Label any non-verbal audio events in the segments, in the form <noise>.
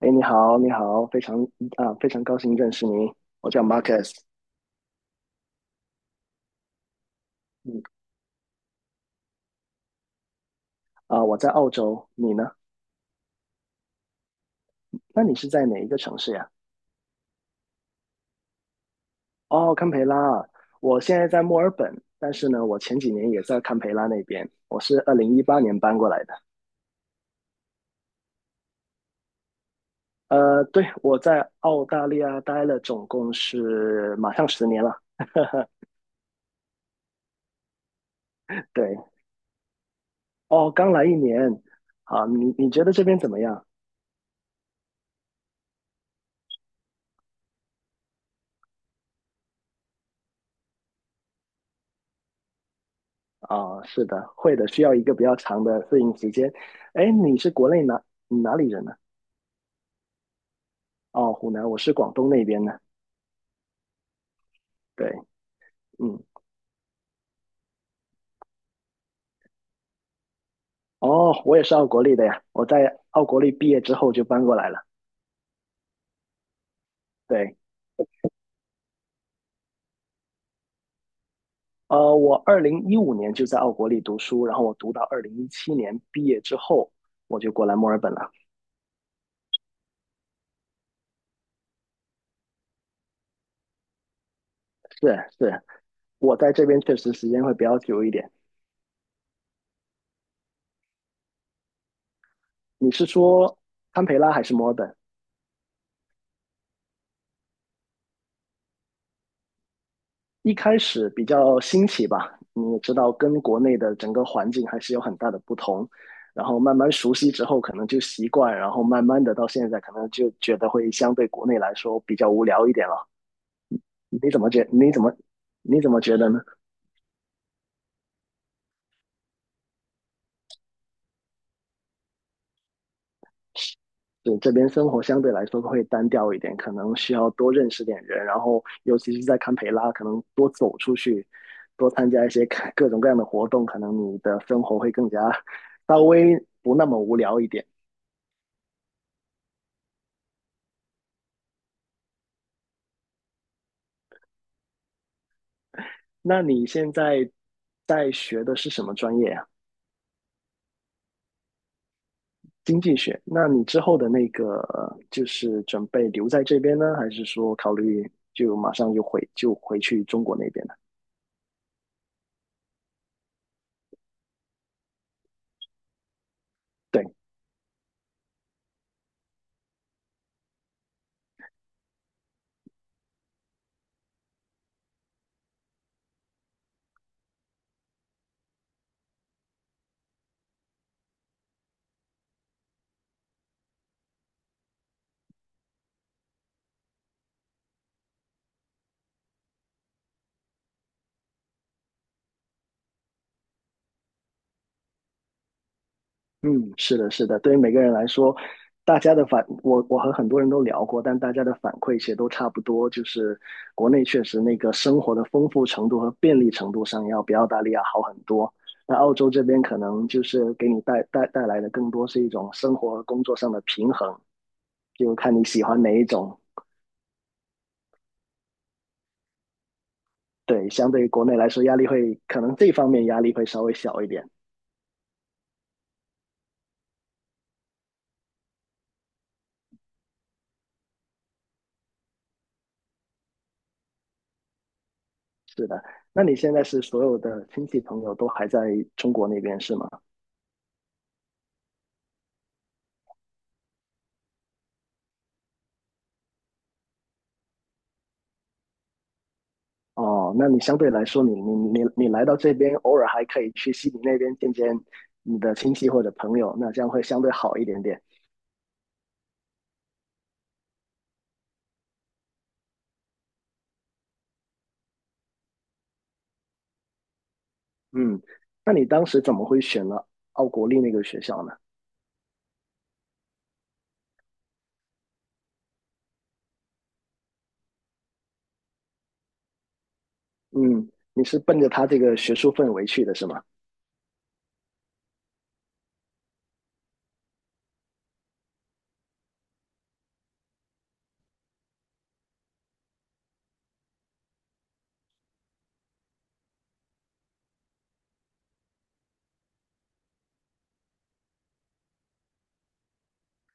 哎，你好，你好，非常高兴认识你。我叫 Marcus，嗯我在澳洲，你呢？那你是在哪一个城市呀？哦，堪培拉，我现在在墨尔本，但是呢，我前几年也在堪培拉那边，我是2018年搬过来的。对，我在澳大利亚待了总共是马上十年了。<laughs> 对，哦，刚来一年，啊，你觉得这边怎么样？哦，是的，会的，需要一个比较长的适应时间。哎，你是国内哪你哪里人呢？哦，湖南，我是广东那边的。对，嗯，哦，我也是奥国立的呀。我在奥国立毕业之后就搬过来了。对，我2015年就在奥国立读书，然后我读到2017年毕业之后，我就过来墨尔本了。是是，我在这边确实时间会比较久一点。你是说堪培拉还是墨尔本？一开始比较新奇吧，你也知道，跟国内的整个环境还是有很大的不同。然后慢慢熟悉之后，可能就习惯，然后慢慢的到现在，可能就觉得会相对国内来说比较无聊一点了。你怎么觉？你怎么你怎么觉得呢？对，这边生活相对来说会单调一点，可能需要多认识点人，然后尤其是在堪培拉，可能多走出去，多参加一些 <laughs> 各种各样的活动，可能你的生活会更加 <laughs> 稍微不那么无聊一点。那你现在在学的是什么专业呀、经济学。那你之后的那个就是准备留在这边呢，还是说考虑就马上就回去中国那边呢？对，嗯，是的，是的，对于每个人来说，大家的反，我和很多人都聊过，但大家的反馈其实都差不多，就是国内确实那个生活的丰富程度和便利程度上要比澳大利亚好很多。那澳洲这边可能就是给你带来的更多是一种生活和工作上的平衡，就看你喜欢哪一种。对，相对于国内来说，压力会可能这方面压力会稍微小一点。是的，那你现在是所有的亲戚朋友都还在中国那边是吗？哦，那你相对来说，你来到这边，偶尔还可以去悉尼那边见见你的亲戚或者朋友，那这样会相对好一点点。嗯，那你当时怎么会选了奥国立那个学校呢？嗯，你是奔着他这个学术氛围去的是吗？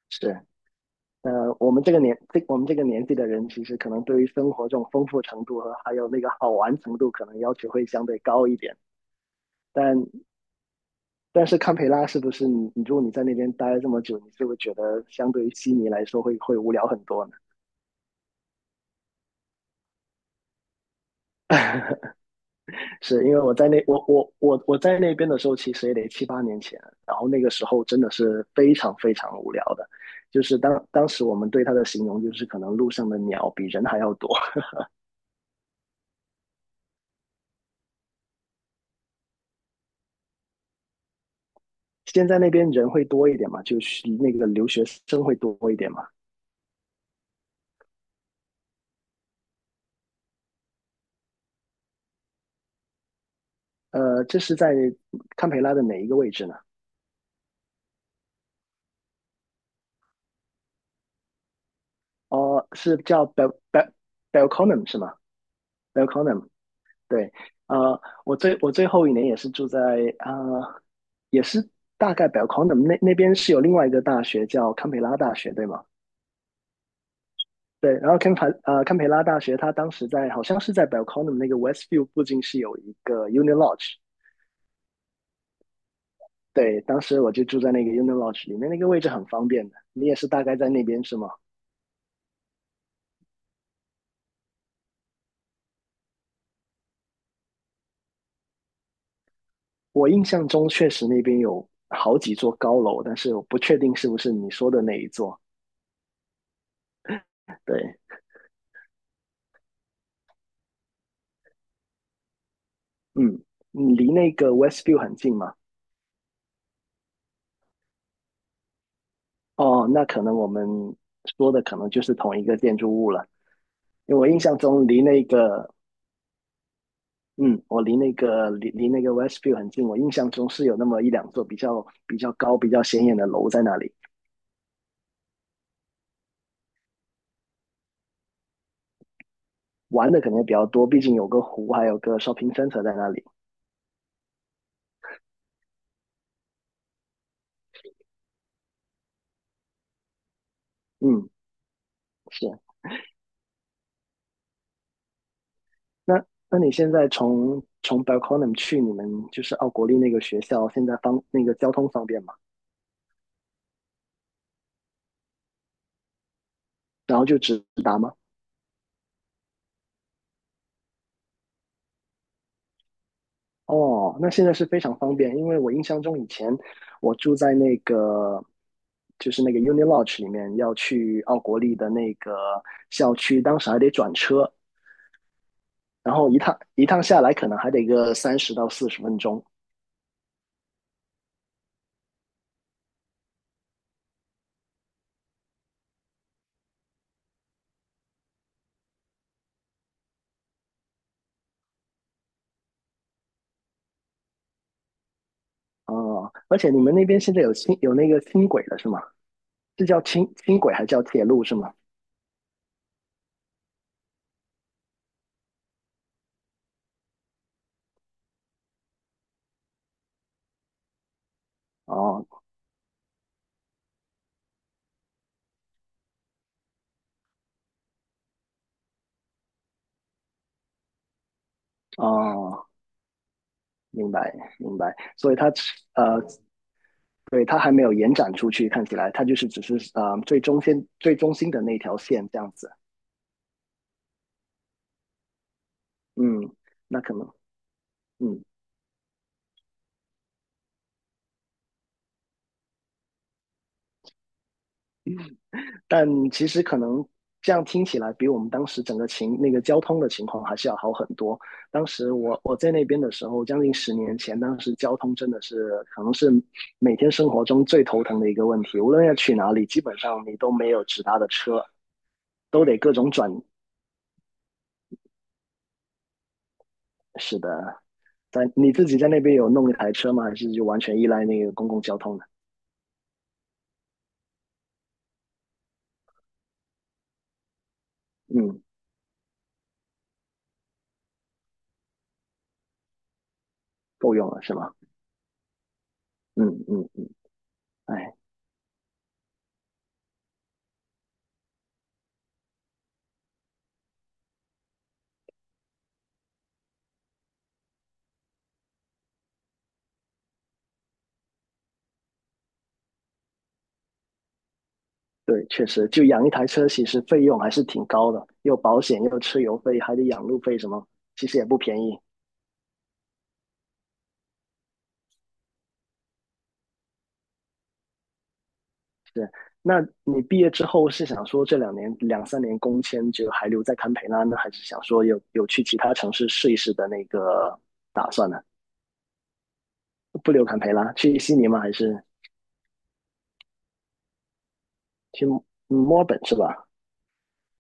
是。呃，我们这个年纪的人，其实可能对于生活这种丰富程度和还有那个好玩程度，可能要求会相对高一点。但但是堪培拉是不是如果你在那边待了这么久，你就会觉得相对于悉尼来说会无聊很多呢？<laughs> 是因为我在那边的时候，其实也得7、8年前，然后那个时候真的是非常非常无聊的，就是当时我们对它的形容就是可能路上的鸟比人还要多。<laughs> 现在那边人会多一点嘛，就是那个留学生会多一点嘛。这是在堪培拉的哪一个位置呢？哦，是叫 Bel b e l c o n n e 是吗？ Belconne。 对，我最后一年也是住在呃，也是大概 b e l c o n u m 那边是有另外一个大学叫堪培拉大学，对吗？对，然后堪培拉大学，它当时在好像是在 b e l c o n u m 那个 Westview 附近是有一个 u n i Lodge。对，当时我就住在那个 u n i Lodge 里面，那个位置很方便的。你也是大概在那边是吗？我印象中确实那边有好几座高楼，但是我不确定是不是你说的那一座。对，嗯，你离那个 Westview 很近吗？哦，那可能我们说的可能就是同一个建筑物了，因为我离那个 Westview 很近，我印象中是有那么一两座比较高、比较显眼的楼在那里，玩的可能也比较多，毕竟有个湖，还有个 shopping center 在那里。嗯，是。那那你现在从 Belconnen 去你们就是奥国立那个学校，现在方那个交通方便吗？然后就直达吗？哦，那现在是非常方便，因为我印象中以前我住在那个 Uni Lodge 里面，要去奥国立的那个校区，当时还得转车，然后一趟一趟下来可能还得个30到40分钟。哦，而且你们那边现在有那个轻轨了是吗？是叫轻轨还是叫铁路是吗？哦哦，明白明白，所以呃，对，它还没有延展出去，看起来它就是只是最中心的那条线这样子。嗯，那可能，嗯，但其实可能这样听起来，比我们当时整个情那个交通的情况还是要好很多。当时我在那边的时候，将近10年前，当时交通真的是可能是每天生活中最头疼的一个问题。无论要去哪里，基本上你都没有直达的车，都得各种转。是的，你自己在那边有弄一台车吗？还是就完全依赖那个公共交通的？嗯，够用了是吗？嗯嗯，哎。对，确实，就养一台车，其实费用还是挺高的，又保险，又车油费，还得养路费什么，其实也不便宜。是，那你毕业之后是想说这2、3年工签就还留在堪培拉呢，还是想说有去其他城市试一试的那个打算呢？不留堪培拉，去悉尼吗？还是去墨尔本是吧？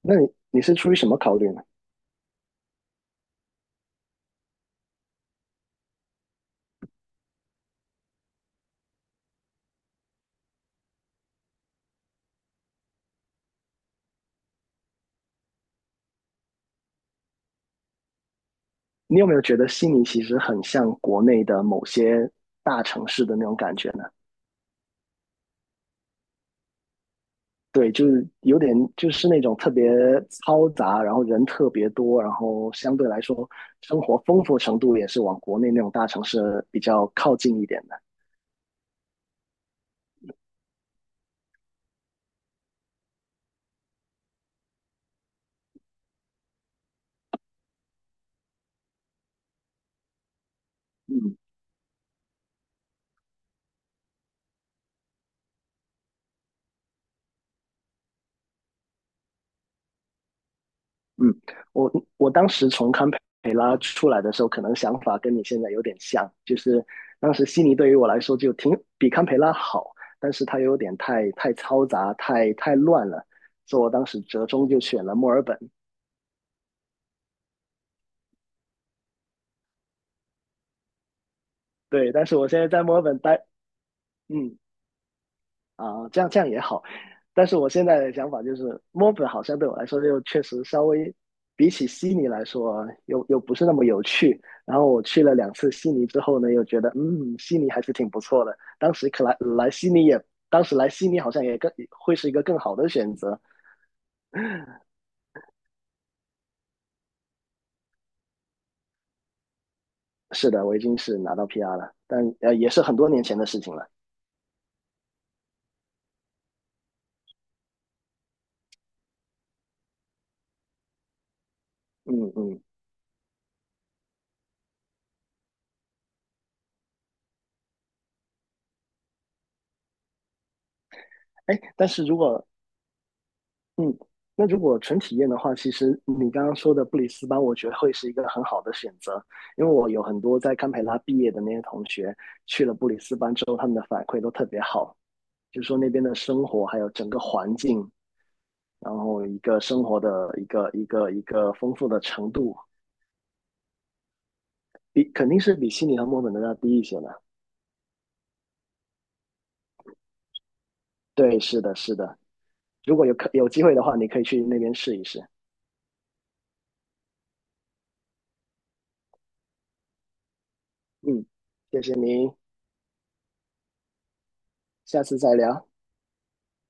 那你是出于什么考虑呢？你有没有觉得悉尼其实很像国内的某些大城市的那种感觉呢？对，就是有点就是那种特别嘈杂，然后人特别多，然后相对来说生活丰富程度也是往国内那种大城市比较靠近一点的。嗯嗯，我我当时从堪培拉出来的时候，可能想法跟你现在有点像，就是当时悉尼对于我来说就挺比堪培拉好，但是它有点太嘈杂，太乱了，所以我当时折中就选了墨尔本。对，但是我现在在墨尔本待，嗯。啊，这样这样也好。但是我现在的想法就是，墨本好像对我来说又确实稍微比起悉尼来说，又不是那么有趣。然后我去了两次悉尼之后呢，又觉得悉尼还是挺不错的。当时来悉尼好像也更会是一个更好的选择。是的，我已经是拿到 PR 了，但也是很多年前的事情了。嗯嗯，哎，但是如果嗯，那如果纯体验的话，其实你刚刚说的布里斯班，我觉得会是一个很好的选择，因为我有很多在堪培拉毕业的那些同学去了布里斯班之后，他们的反馈都特别好，就说那边的生活还有整个环境，然后一个生活的一个丰富的程度，肯定是比悉尼和墨尔本都要低一些的。对，是的，是的。如果有机会的话，你可以去那边试一试。嗯，谢谢您，下次再聊。